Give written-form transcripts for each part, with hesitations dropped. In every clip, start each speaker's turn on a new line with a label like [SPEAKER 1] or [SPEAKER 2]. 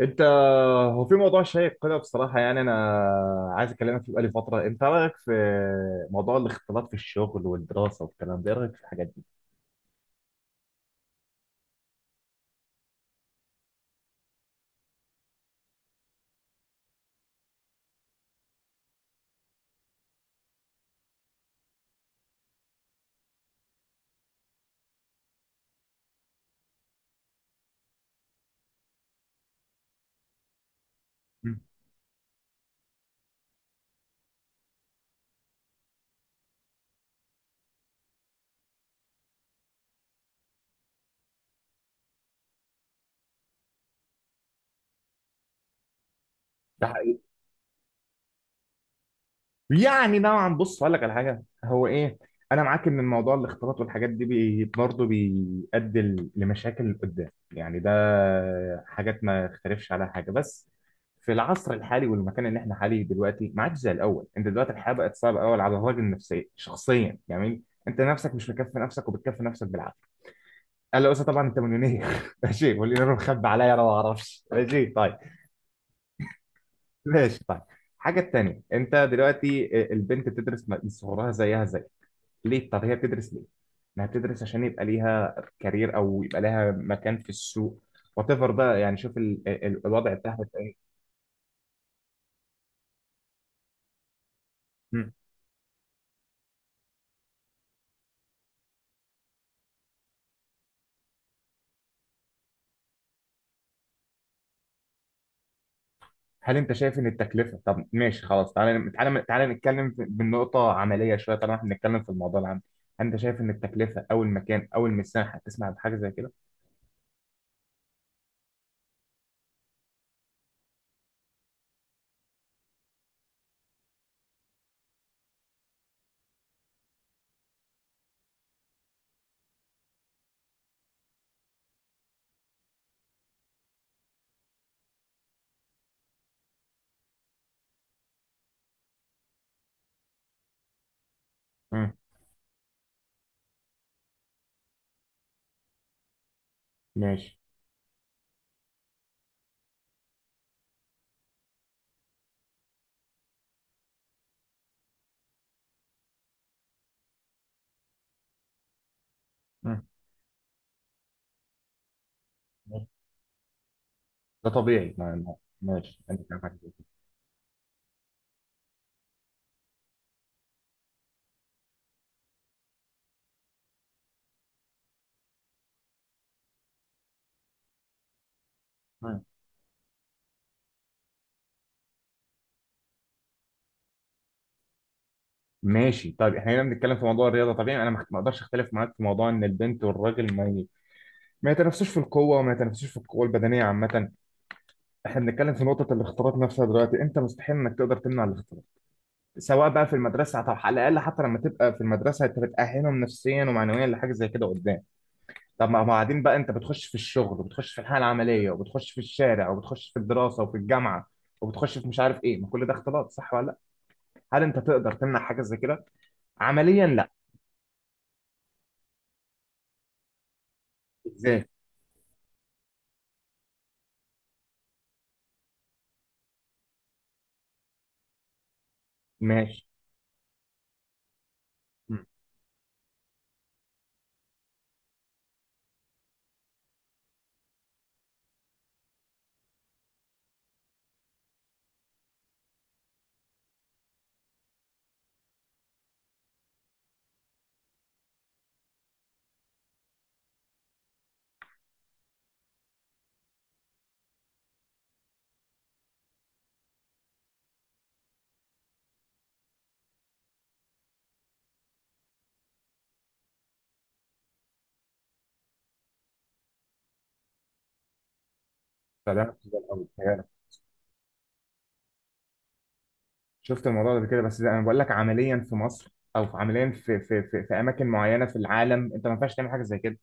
[SPEAKER 1] انت هو في موضوع شيق كده بصراحه، يعني انا عايز اكلمك فيه بقالي فتره. انت رايك في موضوع الاختلاط في الشغل والدراسه والكلام ده، ايه رايك في الحاجات دي؟ مم. ده يعني نوعا، بص هقول لك على حاجه. هو ايه، انا معاك ان الموضوع الاختلاط والحاجات دي برضه بيؤدي لمشاكل قدام، يعني ده حاجات ما اختلفش عليها حاجه، بس في العصر الحالي والمكان اللي احنا حاليه دلوقتي ما عادش زي الاول. انت دلوقتي الحياه بقت صعبه قوي على الراجل نفسيا شخصيا، يعني انت نفسك مش مكفي نفسك، وبتكفي نفسك بالعافيه. قال له بس طبعا انت مليونير ماشي، واللي انا مخبي عليا انا ما اعرفش. ماشي طيب. ماشي طيب. الحاجه التانيه: انت دلوقتي البنت بتدرس من صغرها، زيها زي ليه؟ طب هي بتدرس ليه؟ انها بتدرس عشان يبقى ليها كارير، او يبقى لها مكان في السوق، وات ايفر بقى. يعني شوف الوضع بتاعها بيبقى ايه. مم. هل انت شايف ان التكلفه؟ طب ماشي خلاص، تعالى تعالى تعالى نتكلم بالنقطه عمليه شويه طالما احنا بنتكلم في الموضوع العام. هل انت شايف ان التكلفه او المكان او المساحه تسمع بحاجه زي كده؟ مم. ماشي. مم. ماشي. ده طبيعي، ماشي، انت بتتكلم في حاجه زي كده. مم. ماشي طيب، احنا هنا بنتكلم في موضوع الرياضه، طبيعي انا ما اقدرش اختلف معاك في موضوع ان البنت والراجل ما ما يتنافسوش في القوه، وما يتنافسوش في القوه البدنيه عامه. احنا بنتكلم في نقطه الاختلاط نفسها دلوقتي، انت مستحيل انك تقدر تمنع الاختلاط سواء بقى في المدرسه. طب على الاقل حتى لما تبقى في المدرسه انت بتاهلهم نفسيا ومعنويا لحاجه زي كده قدام. طب ما بعدين بقى انت بتخش في الشغل، وبتخش في الحياه العمليه، وبتخش في الشارع، وبتخش في الدراسه وفي الجامعه، وبتخش في مش عارف ايه. ما كل ده اختلاط، صح ولا لا؟ هل انت تقدر تمنع حاجه زي كده؟ عمليا لا. ازاي؟ ماشي. مم. فده بالنسبة للأول. شفت الموضوع ده قبل كده، بس زي انا بقول لك، عمليا في مصر، او في عمليا في اماكن معينه في العالم، انت ما ينفعش تعمل حاجه زي كده.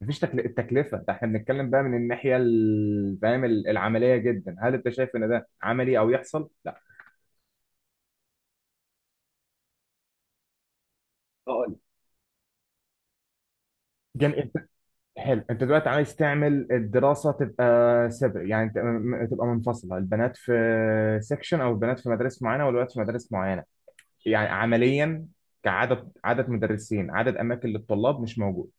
[SPEAKER 1] مفيش التكلفه ده. احنا بنتكلم بقى من فاهم، العمليه جدا، هل انت شايف ان ده عملي او يحصل لا؟ هقول. انت، حلو، انت دلوقتي عايز تعمل الدراسه تبقى سيبري، يعني تبقى منفصله، البنات في سيكشن، او البنات في مدارس معينه والولاد في مدارس معينه. يعني عمليا، كعدد، عدد مدرسين عدد اماكن للطلاب مش موجود.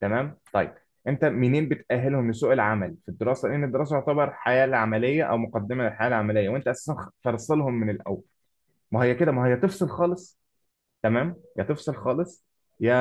[SPEAKER 1] تمام طيب. انت منين بتأهلهم لسوق العمل في الدراسه؟ لان الدراسه تعتبر حياه العمليه او مقدمه للحياه العمليه، وانت اساسا فرصلهم من الاول. ما هي كده، ما هي تفصل خالص. تمام، يا تفصل خالص، يا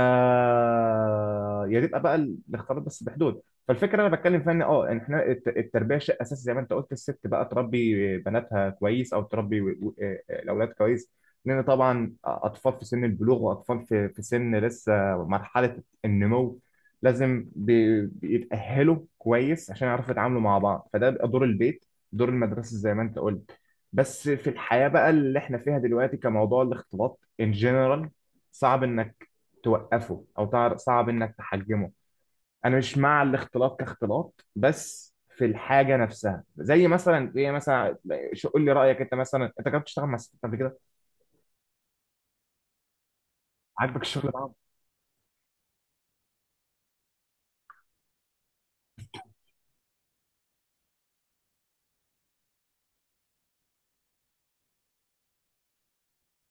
[SPEAKER 1] يا تبقى بقى الاختلاط بس بحدود. فالفكره انا بتكلم فيها ان اه، إن احنا التربيه شيء اساسي، زي ما انت قلت الست بقى تربي بناتها كويس، او تربي الاولاد كويس، لان طبعا اطفال في سن البلوغ، واطفال في سن لسه مرحله النمو، لازم بيتاهلوا كويس عشان يعرفوا يتعاملوا مع بعض. فده بيبقى دور البيت، دور المدرسه زي ما انت قلت. بس في الحياه بقى اللي احنا فيها دلوقتي، كموضوع الاختلاط ان جنرال، صعب انك توقفه او صعب انك تحجمه. انا مش مع الاختلاط كاختلاط، بس في الحاجه نفسها، زي مثلا، زي مثلا قول لي رايك، انت مثلا انت جربت تشتغل مع ستات قبل كده؟ عاجبك الشغل معاهم؟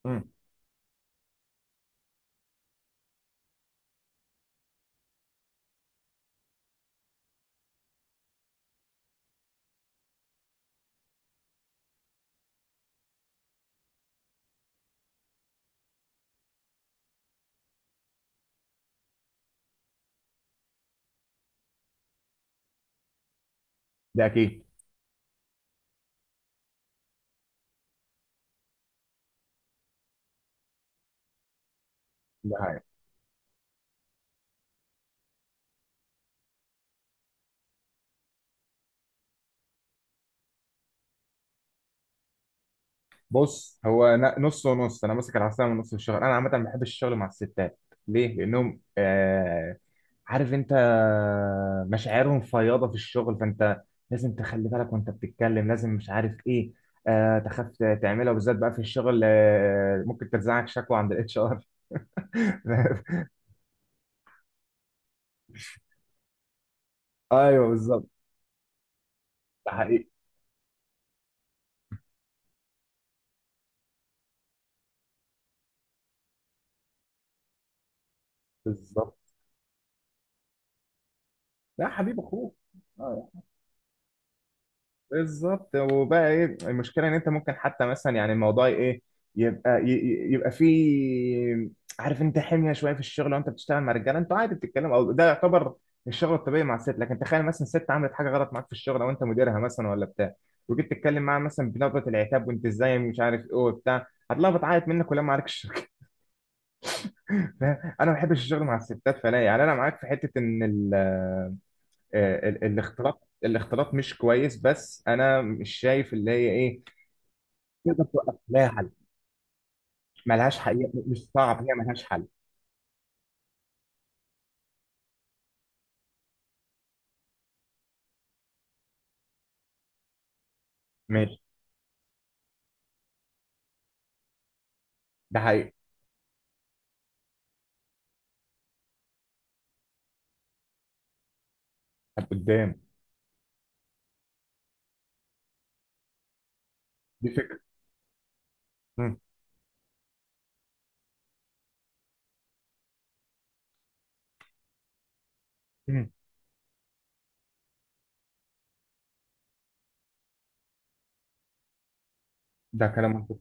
[SPEAKER 1] امم. ده اكيد. ده حقيقي. بص، هو نص ونص، انا ماسك العصايه من نص. الشغل انا عامه ما بحبش الشغل مع الستات. ليه؟ لانهم عارف انت، مشاعرهم فياضة في الشغل، فانت لازم تخلي بالك وانت بتتكلم، لازم مش عارف ايه، تخاف تعملها. وبالذات بقى في الشغل، ممكن ترزعك شكوى عند HR ايوه بالظبط. ده حقيقي. بالظبط. لا حبيب اخوك. اه بالظبط. وبقى ايه المشكله؟ ان انت ممكن حتى مثلا، يعني الموضوع ايه، يبقى يبقى فيه عارف انت حميه شويه في الشغل. وانت بتشتغل مع رجاله انتوا عادي بتتكلموا، او ده يعتبر الشغل الطبيعي. مع الست لكن تخيل مثلا ست عملت حاجه غلط معاك في الشغل، او انت مديرها مثلا ولا بتاع، وجيت تتكلم معاها مثلا بنبره العتاب، وانت ازاي مش عارف ايه وبتاع، هتلاقيها بتعيط منك ولا معاك الشركه انا ما بحبش الشغل مع الستات، فلا. يعني انا معاك في حته ان الاختلاط، الاختلاط مش كويس، بس انا مش شايف اللي هي ايه تقدر توقف لها حل. ملهاش، حقيقة مش صعب، هي ملهاش حل. ماشي. ده حقيقة. طب قدام. دي فكرة. مم. مم. ده كلام منطقي.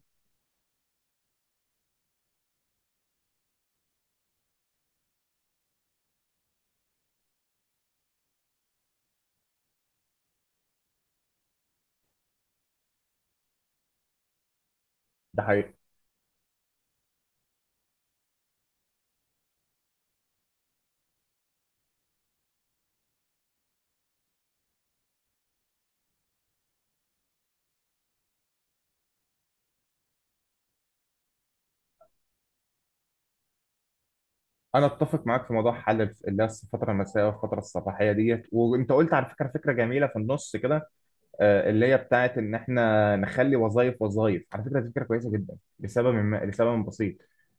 [SPEAKER 1] ده حقيقة. أنا أتفق معاك في موضوع حل اللي هي الفترة المسائية والفترة الصباحية ديت. وأنت قلت على فكرة، فكرة جميلة في النص كده، اللي هي بتاعت ان احنا نخلي وظائف. وظائف على فكره دي فكره كويسه جدا لسبب، ما لسبب بسيط،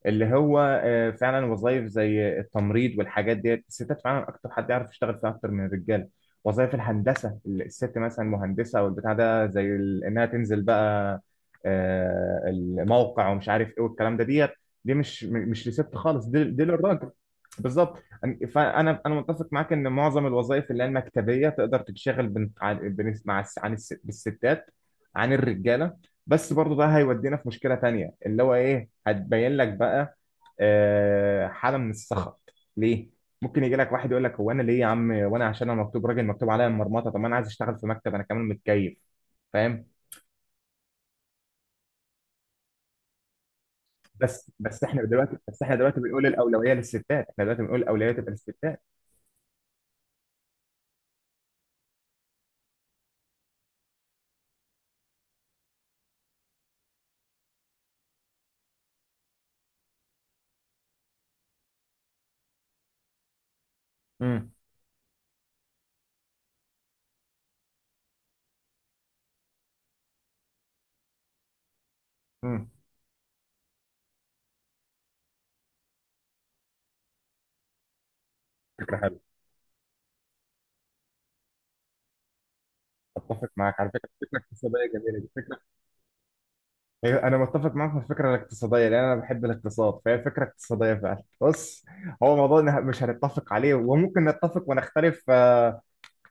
[SPEAKER 1] اللي هو فعلا وظائف زي التمريض والحاجات ديت، الستات فعلا اكتر حد يعرف يشتغل فيها اكتر من الرجاله. وظائف الهندسه، الست مثلا مهندسه او البتاع ده، زي انها تنزل بقى الموقع ومش عارف ايه والكلام ده ديت، دي مش مش لست خالص، دي للراجل. بالظبط. فانا، انا متفق معاك ان معظم الوظائف اللي هي المكتبيه تقدر تتشغل بن... عن... بن... مع الس... عن الس... بالستات عن الرجاله. بس برضو ده هيودينا في مشكله تانية اللي هو ايه، هتبين لك بقى حاله من السخط. ليه؟ ممكن يجي لك واحد يقول لك: هو انا ليه يا عم؟ وانا عشان انا مكتوب راجل مكتوب عليا المرمطه؟ طب ما انا عايز اشتغل في مكتب، انا كمان متكيف فاهم. بس احنا دلوقتي بنقول الاولويه للستات، احنا دلوقتي بنقول الاولويه تبقى للستات. امم. امم. فكره حلوه. اتفق معاك على فكره، فكره اقتصاديه جميله جدا. أيوة، انا متفق معاك في الفكره الاقتصاديه لان انا بحب الاقتصاد، فهي فكره اقتصاديه فعلا. بص، هو موضوع مش هنتفق عليه، وممكن نتفق ونختلف،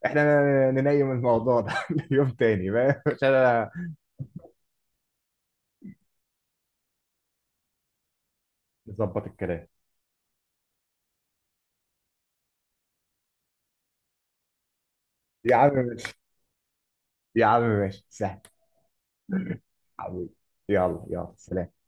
[SPEAKER 1] احنا ننيم الموضوع ده ليوم تاني بقى عشان أنا نظبط الكلام. يا عم ماشي، يا عم ماشي سهل. حبيبي، يلا يلا سلام.